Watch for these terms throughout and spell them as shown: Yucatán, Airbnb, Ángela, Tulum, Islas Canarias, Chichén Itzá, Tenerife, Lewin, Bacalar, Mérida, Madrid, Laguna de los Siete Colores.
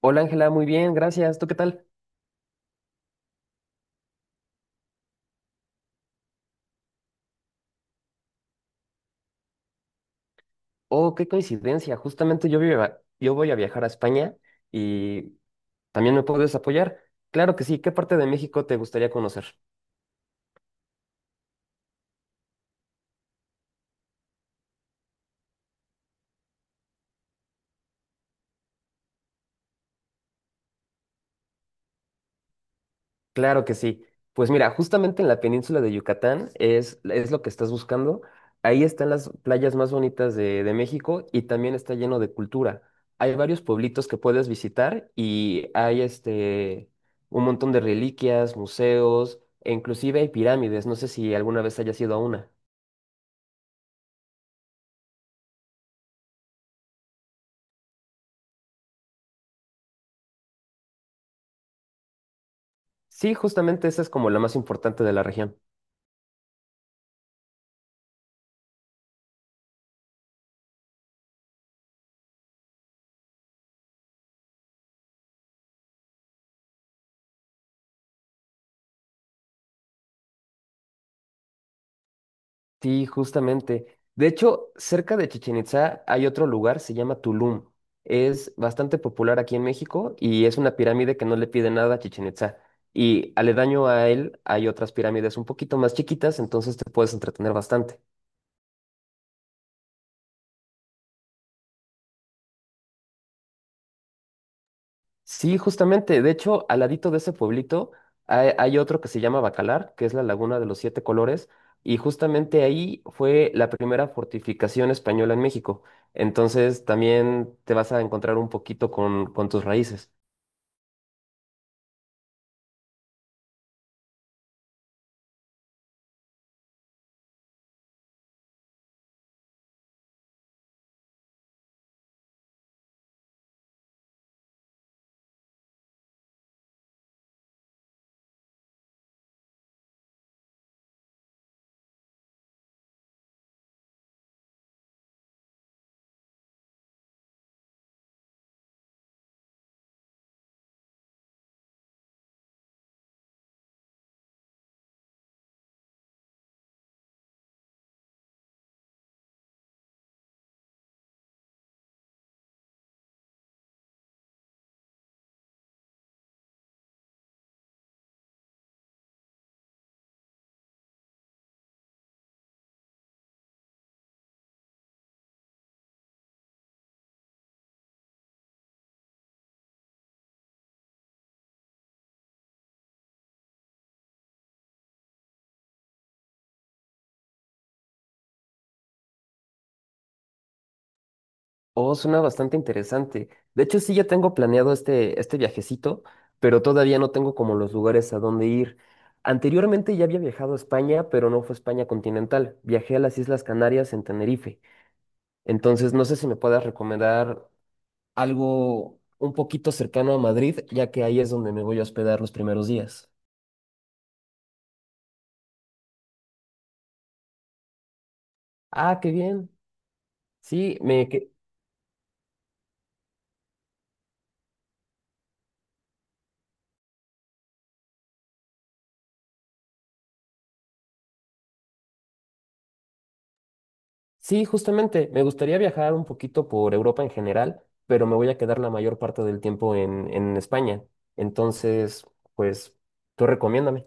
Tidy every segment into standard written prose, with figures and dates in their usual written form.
Hola Ángela, muy bien, gracias. ¿Tú qué tal? Oh, qué coincidencia. Justamente yo, yo voy a viajar a España y también me puedes apoyar. Claro que sí. ¿Qué parte de México te gustaría conocer? Claro que sí. Pues mira, justamente en la península de Yucatán es lo que estás buscando. Ahí están las playas más bonitas de México y también está lleno de cultura. Hay varios pueblitos que puedes visitar y hay un montón de reliquias, museos e inclusive hay pirámides. No sé si alguna vez hayas ido a una. Sí, justamente esa es como la más importante de la región. Sí, justamente. De hecho, cerca de Chichén Itzá hay otro lugar, se llama Tulum. Es bastante popular aquí en México y es una pirámide que no le pide nada a Chichén Itzá. Y aledaño a él hay otras pirámides un poquito más chiquitas, entonces te puedes entretener bastante. Sí, justamente. De hecho, al ladito de ese pueblito hay otro que se llama Bacalar, que es la Laguna de los Siete Colores, y justamente ahí fue la primera fortificación española en México. Entonces también te vas a encontrar un poquito con tus raíces. Oh, suena bastante interesante. De hecho, sí, ya tengo planeado este viajecito, pero todavía no tengo como los lugares a dónde ir. Anteriormente ya había viajado a España, pero no fue España continental. Viajé a las Islas Canarias en Tenerife. Entonces, no sé si me puedas recomendar algo un poquito cercano a Madrid, ya que ahí es donde me voy a hospedar los primeros días. Ah, qué bien. Sí, me sí, justamente, me gustaría viajar un poquito por Europa en general, pero me voy a quedar la mayor parte del tiempo en España. Entonces, pues, tú recomiéndame.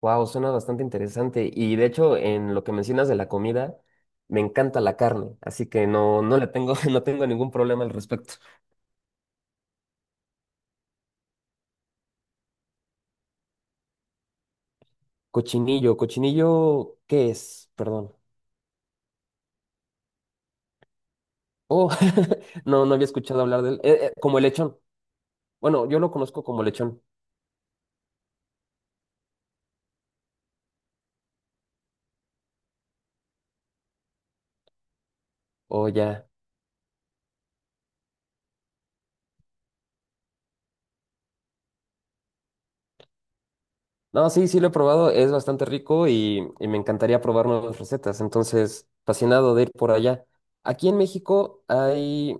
Wow, suena bastante interesante. Y de hecho, en lo que mencionas de la comida, me encanta la carne, así que no, no le tengo, no tengo ningún problema al respecto. Cochinillo, cochinillo, ¿qué es? Perdón. Oh, no, no había escuchado hablar del como el lechón. Bueno, yo lo conozco como lechón. Oh, ya. No, sí, sí lo he probado, es bastante rico y me encantaría probar nuevas recetas. Entonces, fascinado de ir por allá. Aquí en México hay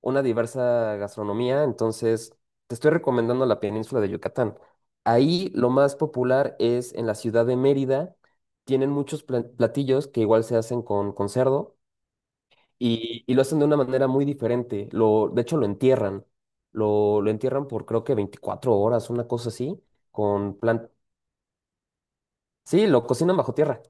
una diversa gastronomía, entonces te estoy recomendando la península de Yucatán. Ahí lo más popular es en la ciudad de Mérida. Tienen muchos platillos que igual se hacen con cerdo. Y lo hacen de una manera muy diferente. De hecho, lo entierran. Lo entierran por creo que 24 horas, una cosa así, con plan... Sí, lo cocinan bajo tierra.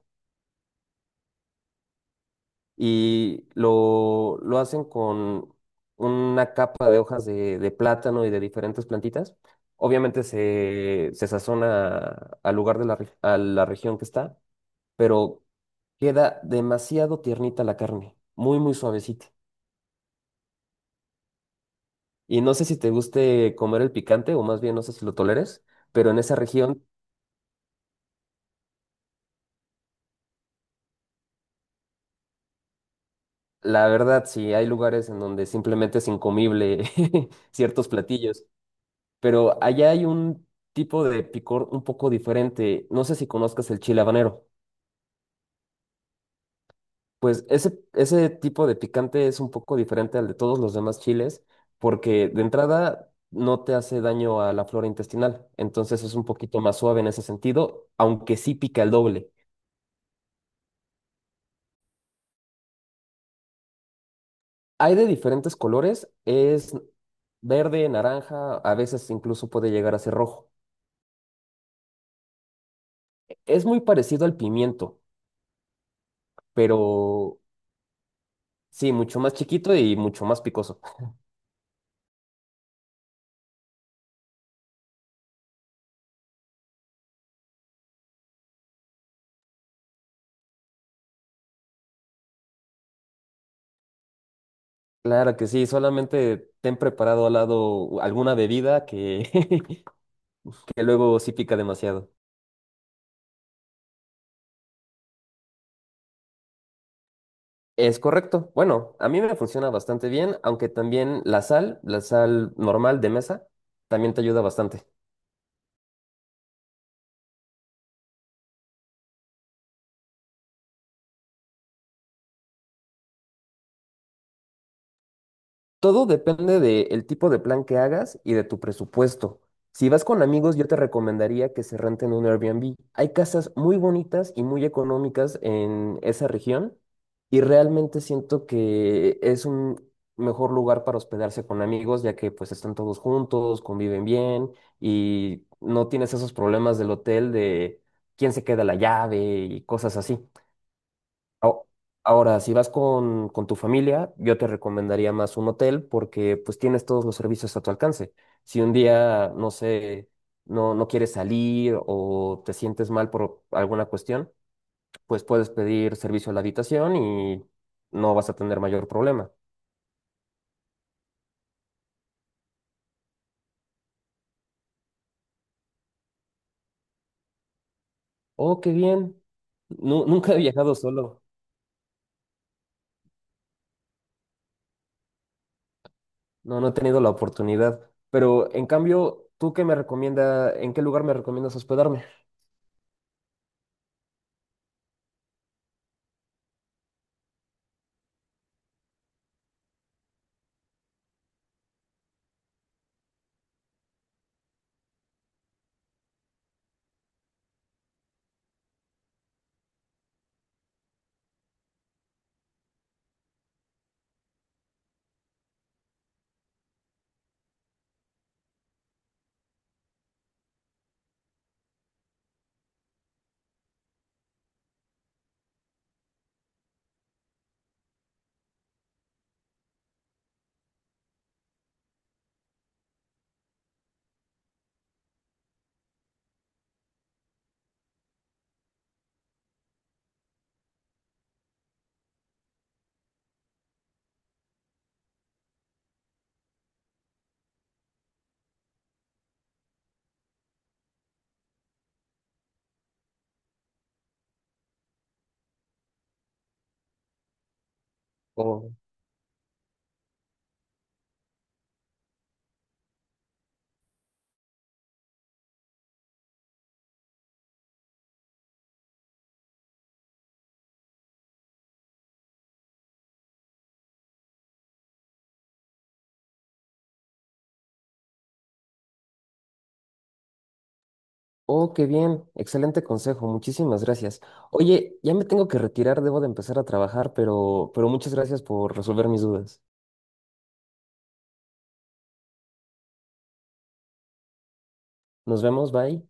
Y lo hacen con una capa de hojas de plátano y de diferentes plantitas. Obviamente se sazona al lugar de la a la región que está, pero queda demasiado tiernita la carne, muy, muy suavecita. Y no sé si te guste comer el picante o más bien no sé si lo toleres, pero en esa región, la verdad, sí hay lugares en donde simplemente es incomible ciertos platillos, pero allá hay un tipo de picor un poco diferente. No sé si conozcas el chile habanero. Pues ese tipo de picante es un poco diferente al de todos los demás chiles porque de entrada no te hace daño a la flora intestinal, entonces es un poquito más suave en ese sentido, aunque sí pica el doble. Hay de diferentes colores, es verde, naranja, a veces incluso puede llegar a ser rojo. Es muy parecido al pimiento, pero sí, mucho más chiquito y mucho más picoso. Claro que sí, solamente ten preparado al lado alguna bebida que, que luego sí pica demasiado. Es correcto. Bueno, a mí me funciona bastante bien, aunque también la sal normal de mesa, también te ayuda bastante. Todo depende del tipo de plan que hagas y de tu presupuesto. Si vas con amigos, yo te recomendaría que se renten un Airbnb. Hay casas muy bonitas y muy económicas en esa región y realmente siento que es un mejor lugar para hospedarse con amigos, ya que pues están todos juntos, conviven bien y no tienes esos problemas del hotel de quién se queda la llave y cosas así. Ao- Ahora, si vas con tu familia, yo te recomendaría más un hotel porque pues tienes todos los servicios a tu alcance. Si un día, no sé, no, no quieres salir o te sientes mal por alguna cuestión, pues puedes pedir servicio a la habitación y no vas a tener mayor problema. Oh, qué bien. Nu- nunca he viajado solo. No, no he tenido la oportunidad. Pero en cambio, ¿tú qué me recomienda, en qué lugar me recomiendas hospedarme? Oh, qué bien, excelente consejo, muchísimas gracias. Oye, ya me tengo que retirar, debo de empezar a trabajar, pero muchas gracias por resolver mis dudas. Nos vemos, bye.